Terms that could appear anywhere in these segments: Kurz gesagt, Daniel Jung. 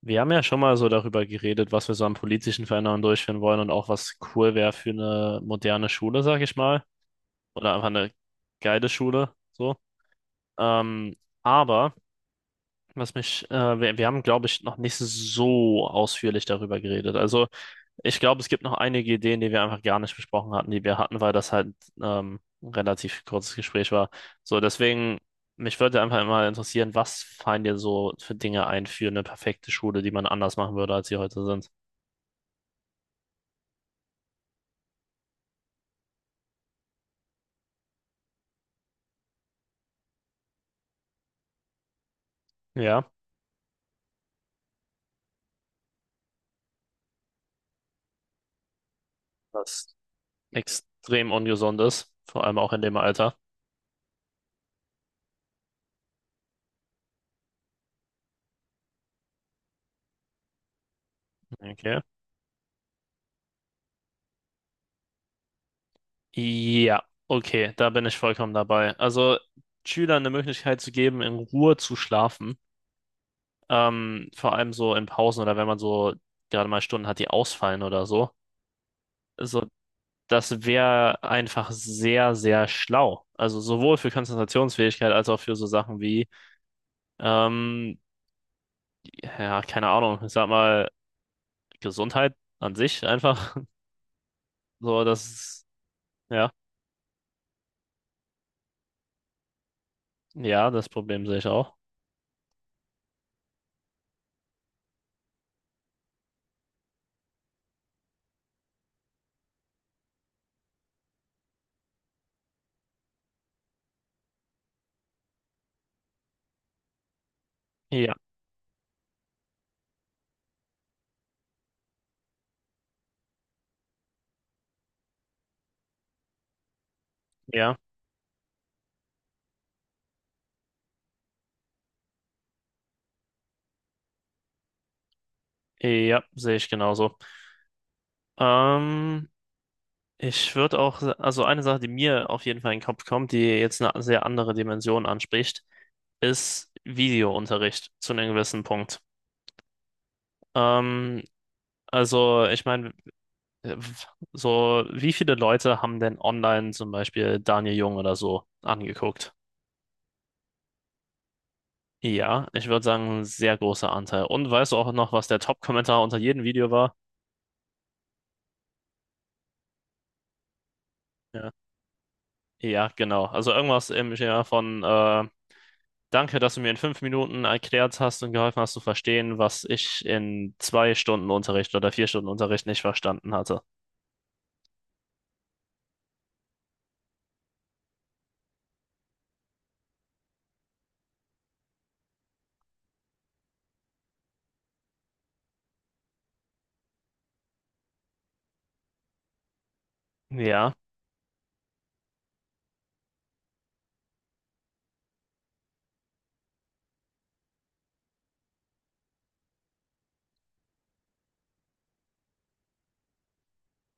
Wir haben ja schon mal so darüber geredet, was wir so an politischen Veränderungen durchführen wollen und auch was cool wäre für eine moderne Schule, sag ich mal. Oder einfach eine geile Schule, so. Ähm, aber, was mich, wir haben, glaube ich, noch nicht so ausführlich darüber geredet. Also, ich glaube, es gibt noch einige Ideen, die wir einfach gar nicht besprochen hatten, die wir hatten, weil das halt ein relativ kurzes Gespräch war. So, deswegen, mich würde einfach mal interessieren, was fallen dir so für Dinge ein für eine perfekte Schule, die man anders machen würde, als sie heute sind? Ja, was extrem ungesund ist, vor allem auch in dem Alter. Okay. Ja, okay, da bin ich vollkommen dabei. Also Schülern eine Möglichkeit zu geben, in Ruhe zu schlafen, vor allem so in Pausen oder wenn man so gerade mal Stunden hat, die ausfallen oder so. Also das wäre einfach sehr, sehr schlau. Also sowohl für Konzentrationsfähigkeit als auch für so Sachen wie, ähm, ja, keine Ahnung, ich sag mal, Gesundheit an sich einfach. So, das ja. Ja, das Problem sehe ich auch. Ja, ja, ja, sehe ich genauso. Ähm, ich würde auch, also eine Sache, die mir auf jeden Fall in den Kopf kommt, die jetzt eine sehr andere Dimension anspricht, ist Videounterricht zu einem gewissen Punkt. Ähm, also ich meine, äh, so wie viele Leute haben denn online zum Beispiel Daniel Jung oder so angeguckt? Ja, ich würde sagen, ein sehr großer Anteil. Und weißt du auch noch, was der Top-Kommentar unter jedem Video war? Ja. Ja, genau. Also irgendwas im Schema von Danke, dass du mir in fünf Minuten erklärt hast und geholfen hast zu verstehen, was ich in zwei Stunden Unterricht oder vier Stunden Unterricht nicht verstanden hatte. Ja,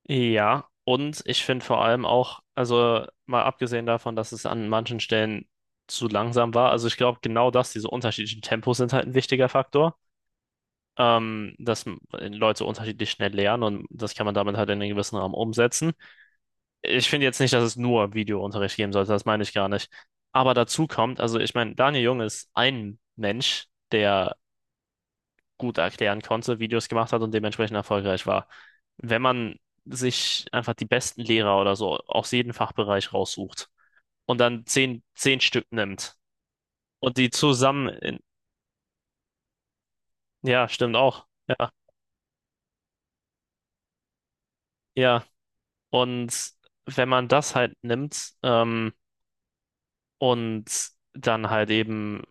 ja. Und ich finde vor allem auch, also mal abgesehen davon, dass es an manchen Stellen zu langsam war, also ich glaube genau das, diese unterschiedlichen Tempos sind halt ein wichtiger Faktor, dass Leute unterschiedlich schnell lernen und das kann man damit halt in einem gewissen Rahmen umsetzen. Ich finde jetzt nicht, dass es nur Videounterricht geben sollte, das meine ich gar nicht. Aber dazu kommt, also ich meine, Daniel Jung ist ein Mensch, der gut erklären konnte, Videos gemacht hat und dementsprechend erfolgreich war. Wenn man sich einfach die besten Lehrer oder so aus jedem Fachbereich raussucht und dann zehn, Stück nimmt und die zusammen, ja, stimmt auch, ja, ja. Und wenn man das halt nimmt, und dann halt eben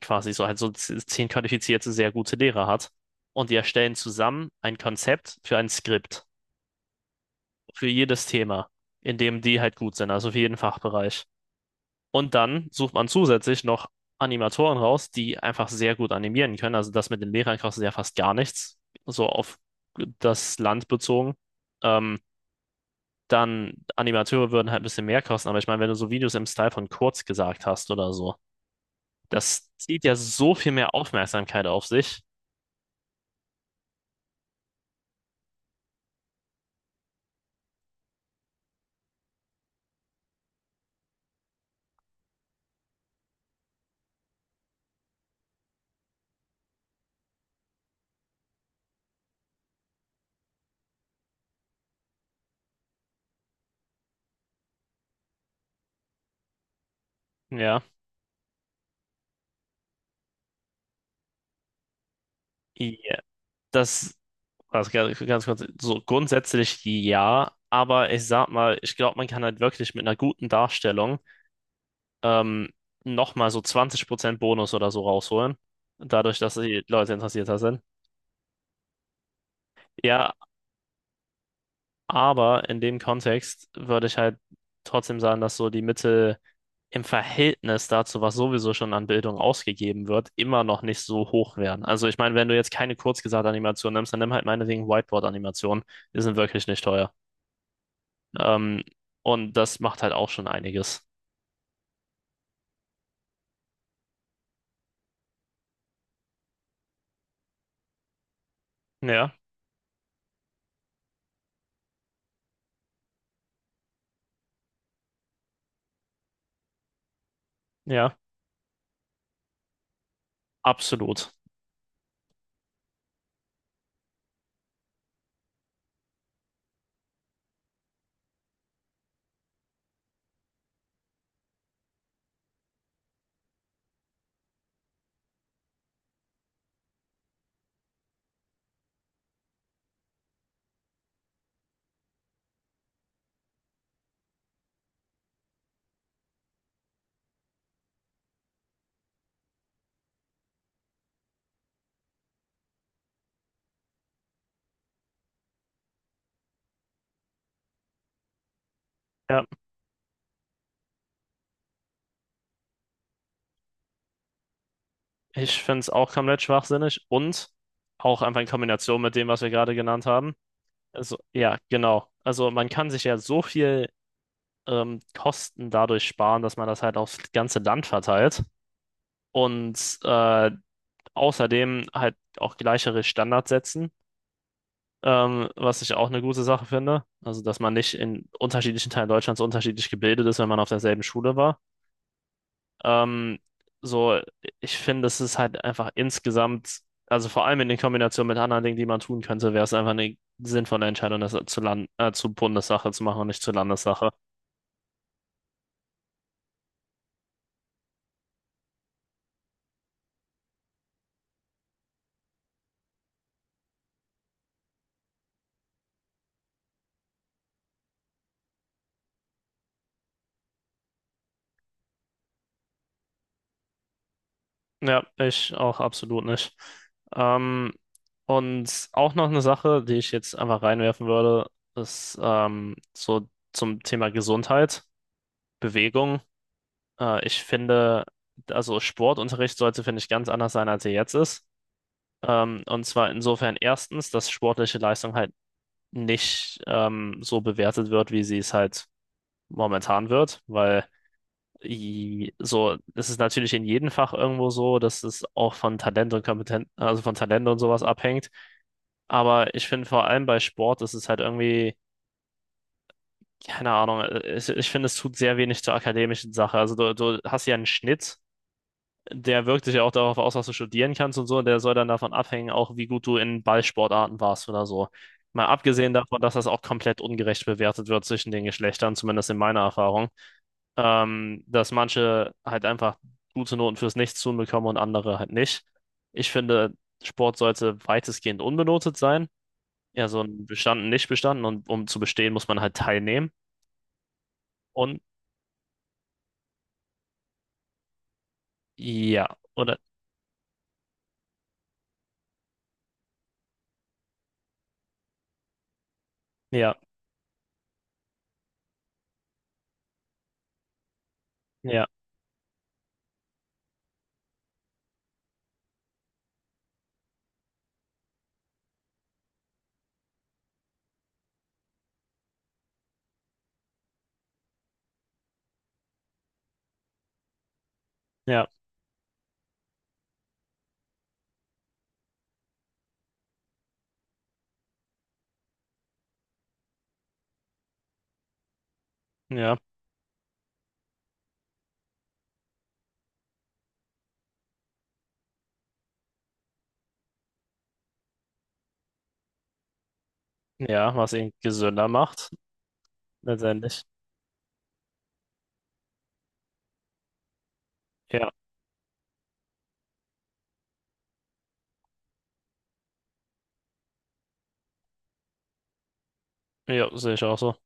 quasi so halt so zehn qualifizierte, sehr gute Lehrer hat. Und die erstellen zusammen ein Konzept für ein Skript, für jedes Thema, in dem die halt gut sind, also für jeden Fachbereich. Und dann sucht man zusätzlich noch Animatoren raus, die einfach sehr gut animieren können. Also das mit den Lehrern kostet ja fast gar nichts, so auf das Land bezogen. Ähm, dann Animateure würden halt ein bisschen mehr kosten, aber ich meine, wenn du so Videos im Style von Kurz gesagt hast oder so, das zieht ja so viel mehr Aufmerksamkeit auf sich. Ja. Ja, das also ganz, ganz kurz. So grundsätzlich ja, aber ich sag mal, ich glaube, man kann halt wirklich mit einer guten Darstellung ähm, nochmal so 20% Bonus oder so rausholen. Dadurch, dass die Leute interessierter sind. Ja, aber in dem Kontext würde ich halt trotzdem sagen, dass so die Mittel im Verhältnis dazu, was sowieso schon an Bildung ausgegeben wird, immer noch nicht so hoch wären. Also ich meine, wenn du jetzt keine Kurzgesagt-Animation nimmst, dann nimm halt meinetwegen Whiteboard-Animationen. Die sind wirklich nicht teuer. Ähm, und das macht halt auch schon einiges. Ja, ja, absolut. Ja, ich finde es auch komplett schwachsinnig und auch einfach in Kombination mit dem, was wir gerade genannt haben. Also, ja, genau. Also man kann sich ja so viel Kosten dadurch sparen, dass man das halt aufs ganze Land verteilt und äh, Außerdem halt auch gleichere Standards setzen, was ich auch eine gute Sache finde. Also, dass man nicht in unterschiedlichen Teilen Deutschlands unterschiedlich gebildet ist, wenn man auf derselben Schule war. Ähm, so, ich finde, es ist halt einfach insgesamt, also vor allem in Kombination mit anderen Dingen, die man tun könnte, wäre es einfach eine sinnvolle Entscheidung, das zu zu Bundessache zu machen und nicht zur Landessache. Ja, ich auch absolut nicht. Ähm, und auch noch eine Sache, die ich jetzt einfach reinwerfen würde, ist so zum Thema Gesundheit, Bewegung. Ich finde, also Sportunterricht sollte, finde ich, ganz anders sein, als er jetzt ist. Und zwar insofern erstens, dass sportliche Leistung halt nicht so bewertet wird, wie sie es halt momentan wird, weil das ist natürlich in jedem Fach irgendwo so, dass es auch von Talent und sowas abhängt. Aber ich finde vor allem bei Sport ist es halt irgendwie, keine Ahnung, ich finde, es tut sehr wenig zur akademischen Sache. Also du hast ja einen Schnitt, der wirkt sich ja auch darauf aus, was du studieren kannst und so, und der soll dann davon abhängen, auch wie gut du in Ballsportarten warst oder so. Mal abgesehen davon, dass das auch komplett ungerecht bewertet wird zwischen den Geschlechtern, zumindest in meiner Erfahrung. Dass manche halt einfach gute Noten fürs Nichtstun bekommen und andere halt nicht. Ich finde, Sport sollte weitestgehend unbenotet sein. Ja, so ein bestanden, nicht bestanden und um zu bestehen, muss man halt teilnehmen. Und ja, oder ja, ja, ja, ja, ja, was ihn gesünder macht, letztendlich. Ja, ja, sehe ich auch so.